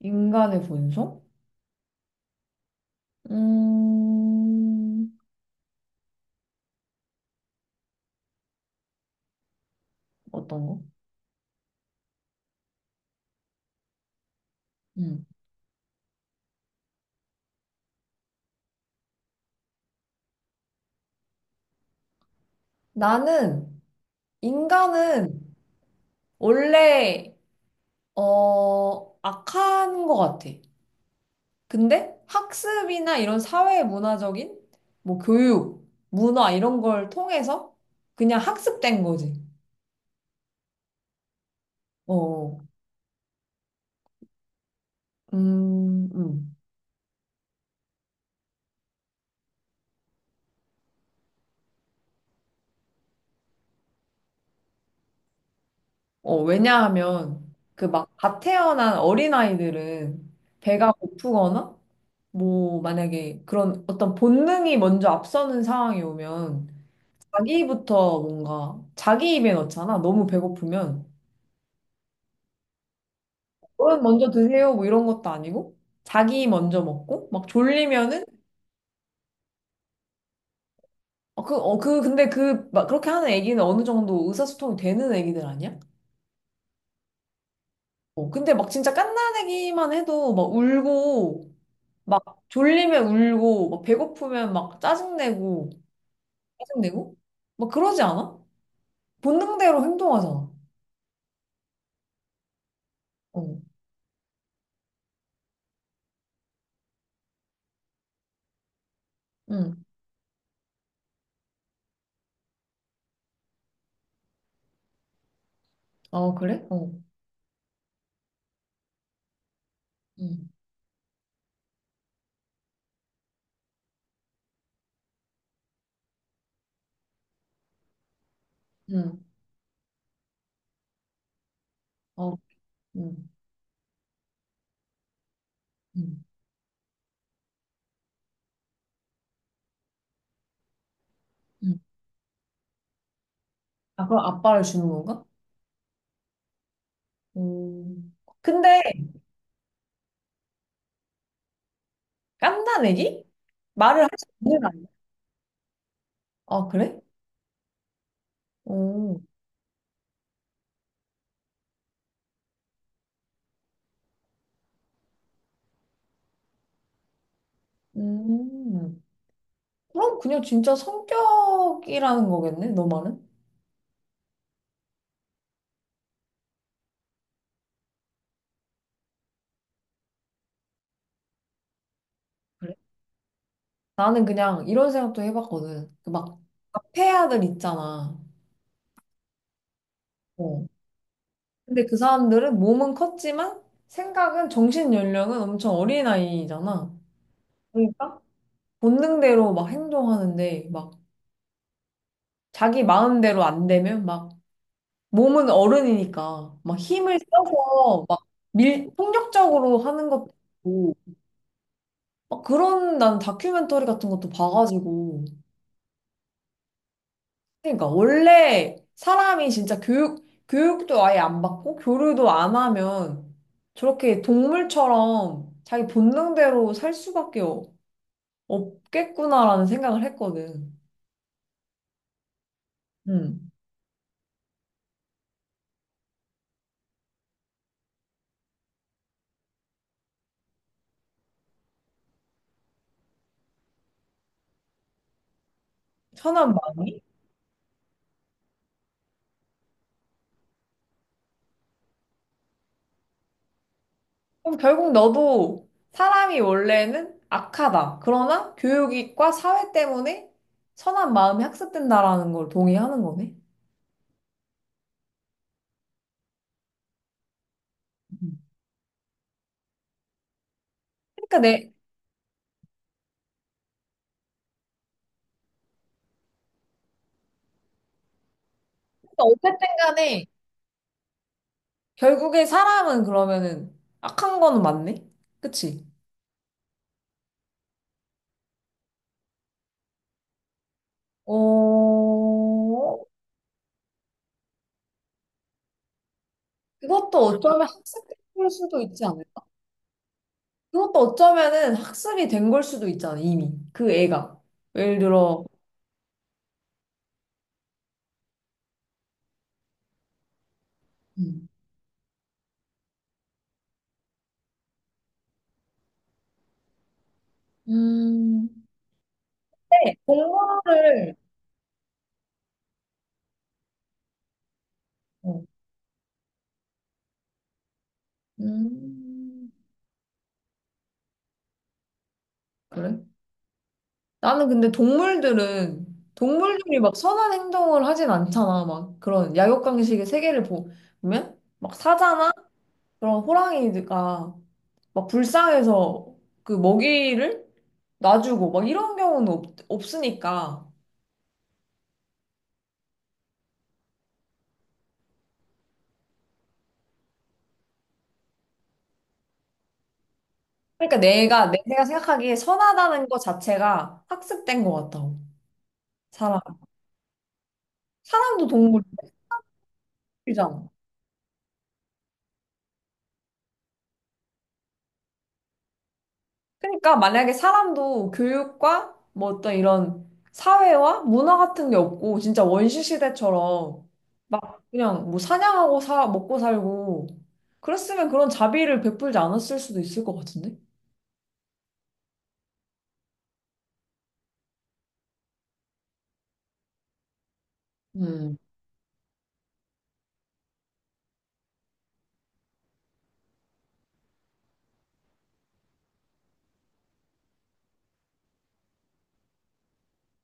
인간의 본성? 음, 어떤 거? 음. 나는, 인간은 원래, 악한 것 같아. 근데 학습이나 이런 사회 문화적인, 뭐 교육, 문화 이런 걸 통해서 그냥 학습된 거지. 어, 어. 음, 음. 어, 왜냐하면 그 막갓 태어난 어린아이들은 배가 고프거나 뭐, 만약에 그런 어떤 본능이 먼저 앞서는 상황이 오면 자기부터 뭔가 자기 입에 넣잖아. 너무 배고프면. 얼른 먼저 드세요. 뭐 이런 것도 아니고 자기 먼저 먹고 막 졸리면은 근데 막 그렇게 하는 애기는 어느 정도 의사소통이 되는 애기들 아니야? 어, 근데 막 진짜 갓난 애기만 해도 막 울고 막 졸리면 울고 막 배고프면 막 짜증내고 짜증내고 막 그러지 않아? 본능대로 행동하잖아. 어. 응. 어, 그래? 어. 응. 응. 어. 응. 응. 응. 아, 그럼 아빠를 주는 건가? 음. 근데 깐난애기? 말을 할 수 있는 아이. 아, 그래? 오. 음. 그럼 그냥 진짜 성격이라는 거겠네, 너 말은? 그래? 나는 그냥 이런 생각도 해봤거든. 그막 카페 아들 있잖아. 어. 근데 그 사람들은 몸은 컸지만 생각은 정신 연령은 엄청 어린아이잖아. 그러니까 본능대로 막 행동하는데 막 자기 마음대로 안 되면 막 몸은 어른이니까 막 힘을 써서 막 폭력적으로 하는 것도 있고 막 그런 난 다큐멘터리 같은 것도 봐가지고 그러니까 원래 사람이 진짜 교육도 아예 안 받고 교류도 안 하면 저렇게 동물처럼 자기 본능대로 없겠구나라는 생각을 했거든. 음. 선한 마음이. 그럼 결국 너도 사람이 원래는 악하다. 그러나 교육과 사회 때문에 선한 마음이 학습된다라는 걸 동의하는 거네. 음. 그러니까 내, 그러니까 어쨌든 간에 결국에 사람은 그러면은 악한 거는 맞네? 그치? 어, 그것도 어쩌면 학습될 수도 있지 않을까? 그것도 어쩌면은 학습이 된 걸 수도 있잖아, 이미. 그 애가. 예를 들어, 음. 음, 데 공부를, 어, 음, 그래? 나는 근데 동물들은, 동물들이 막 선한 행동을 하진 않잖아. 막 그런 약육강식의 세계를 보면, 막 사자나 그런 호랑이가 막 불쌍해서 그 먹이를 놔주고 막 이런 경우는 없으니까. 그러니까 내가 생각하기에 선하다는 것 자체가 학습된 것 같다고. 사람. 사람도 동물이잖아. 그러니까 만약에 사람도 교육과 뭐 어떤 이런 사회와 문화 같은 게 없고 진짜 원시 시대처럼 막 그냥 뭐 사냥하고 사 먹고 살고 그랬으면 그런 자비를 베풀지 않았을 수도 있을 것 같은데. 음.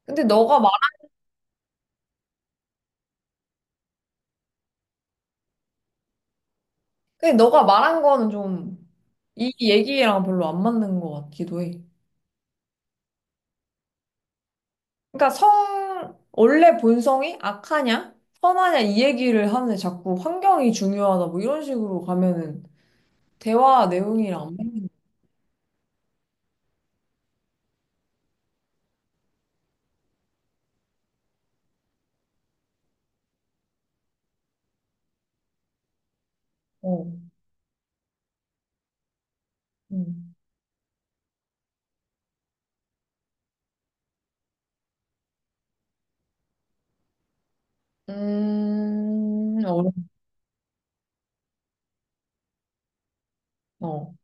근데 너가 말 근데 너가 말한 거는 좀 이 얘기랑 별로 안 맞는 것 같기도 해. 그러니까 성 원래 본성이 악하냐 선하냐 이 얘기를 하는데 자꾸 환경이 중요하다 뭐 이런 식으로 가면은 대화 내용이랑 어, 음, 음, 어 어,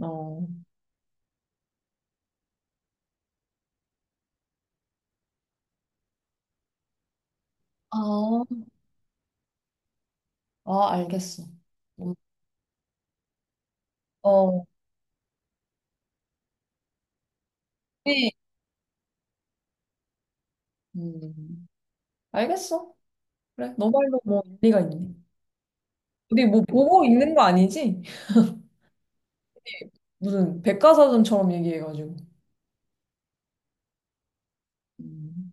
어. 아, 아, 알겠어. 음, 어, 우리 음, 알겠어. 그래, 너 말도 뭐 일리가 있네. 우리 뭐 보고 있는 거 아니지? 무슨 백과사전처럼 얘기해가지고. 음.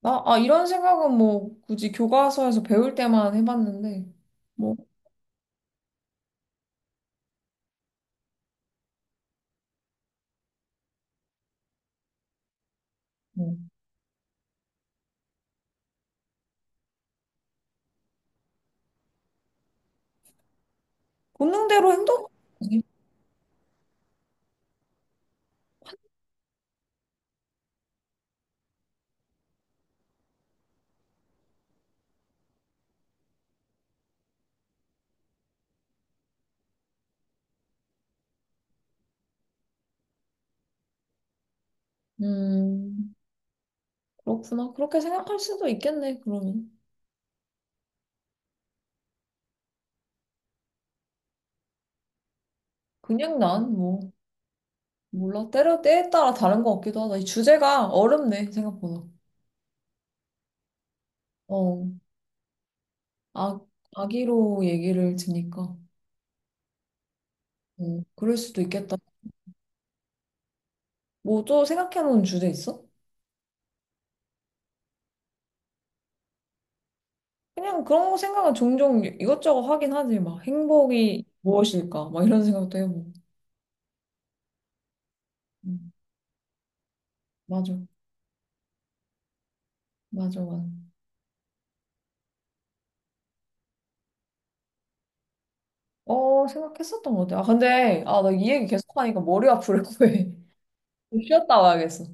아, 이런 생각은 뭐 굳이 교과서에서 배울 때만 해봤는데, 뭐, 뭐 본능대로 행동하지. 음, 그렇구나. 그렇게 생각할 수도 있겠네, 그러면. 그냥 난 뭐. 몰라. 때에 따라 다른 것 같기도 하다. 이 주제가 어렵네, 생각보다. 어, 아, 아기로 얘기를 드니까. 어, 그럴 수도 있겠다. 뭐 또 생각해놓은 주제 있어? 그냥 그런 거 생각은 종종 이것저것 하긴 하지. 막 행복이 무엇일까? 막 이런 생각도 해보고. 음, 맞아. 맞아, 맞아. 어, 생각했었던 것 같아. 나 이 얘기 계속하니까 머리 아프려고 해. 좀 쉬었다 와야겠어.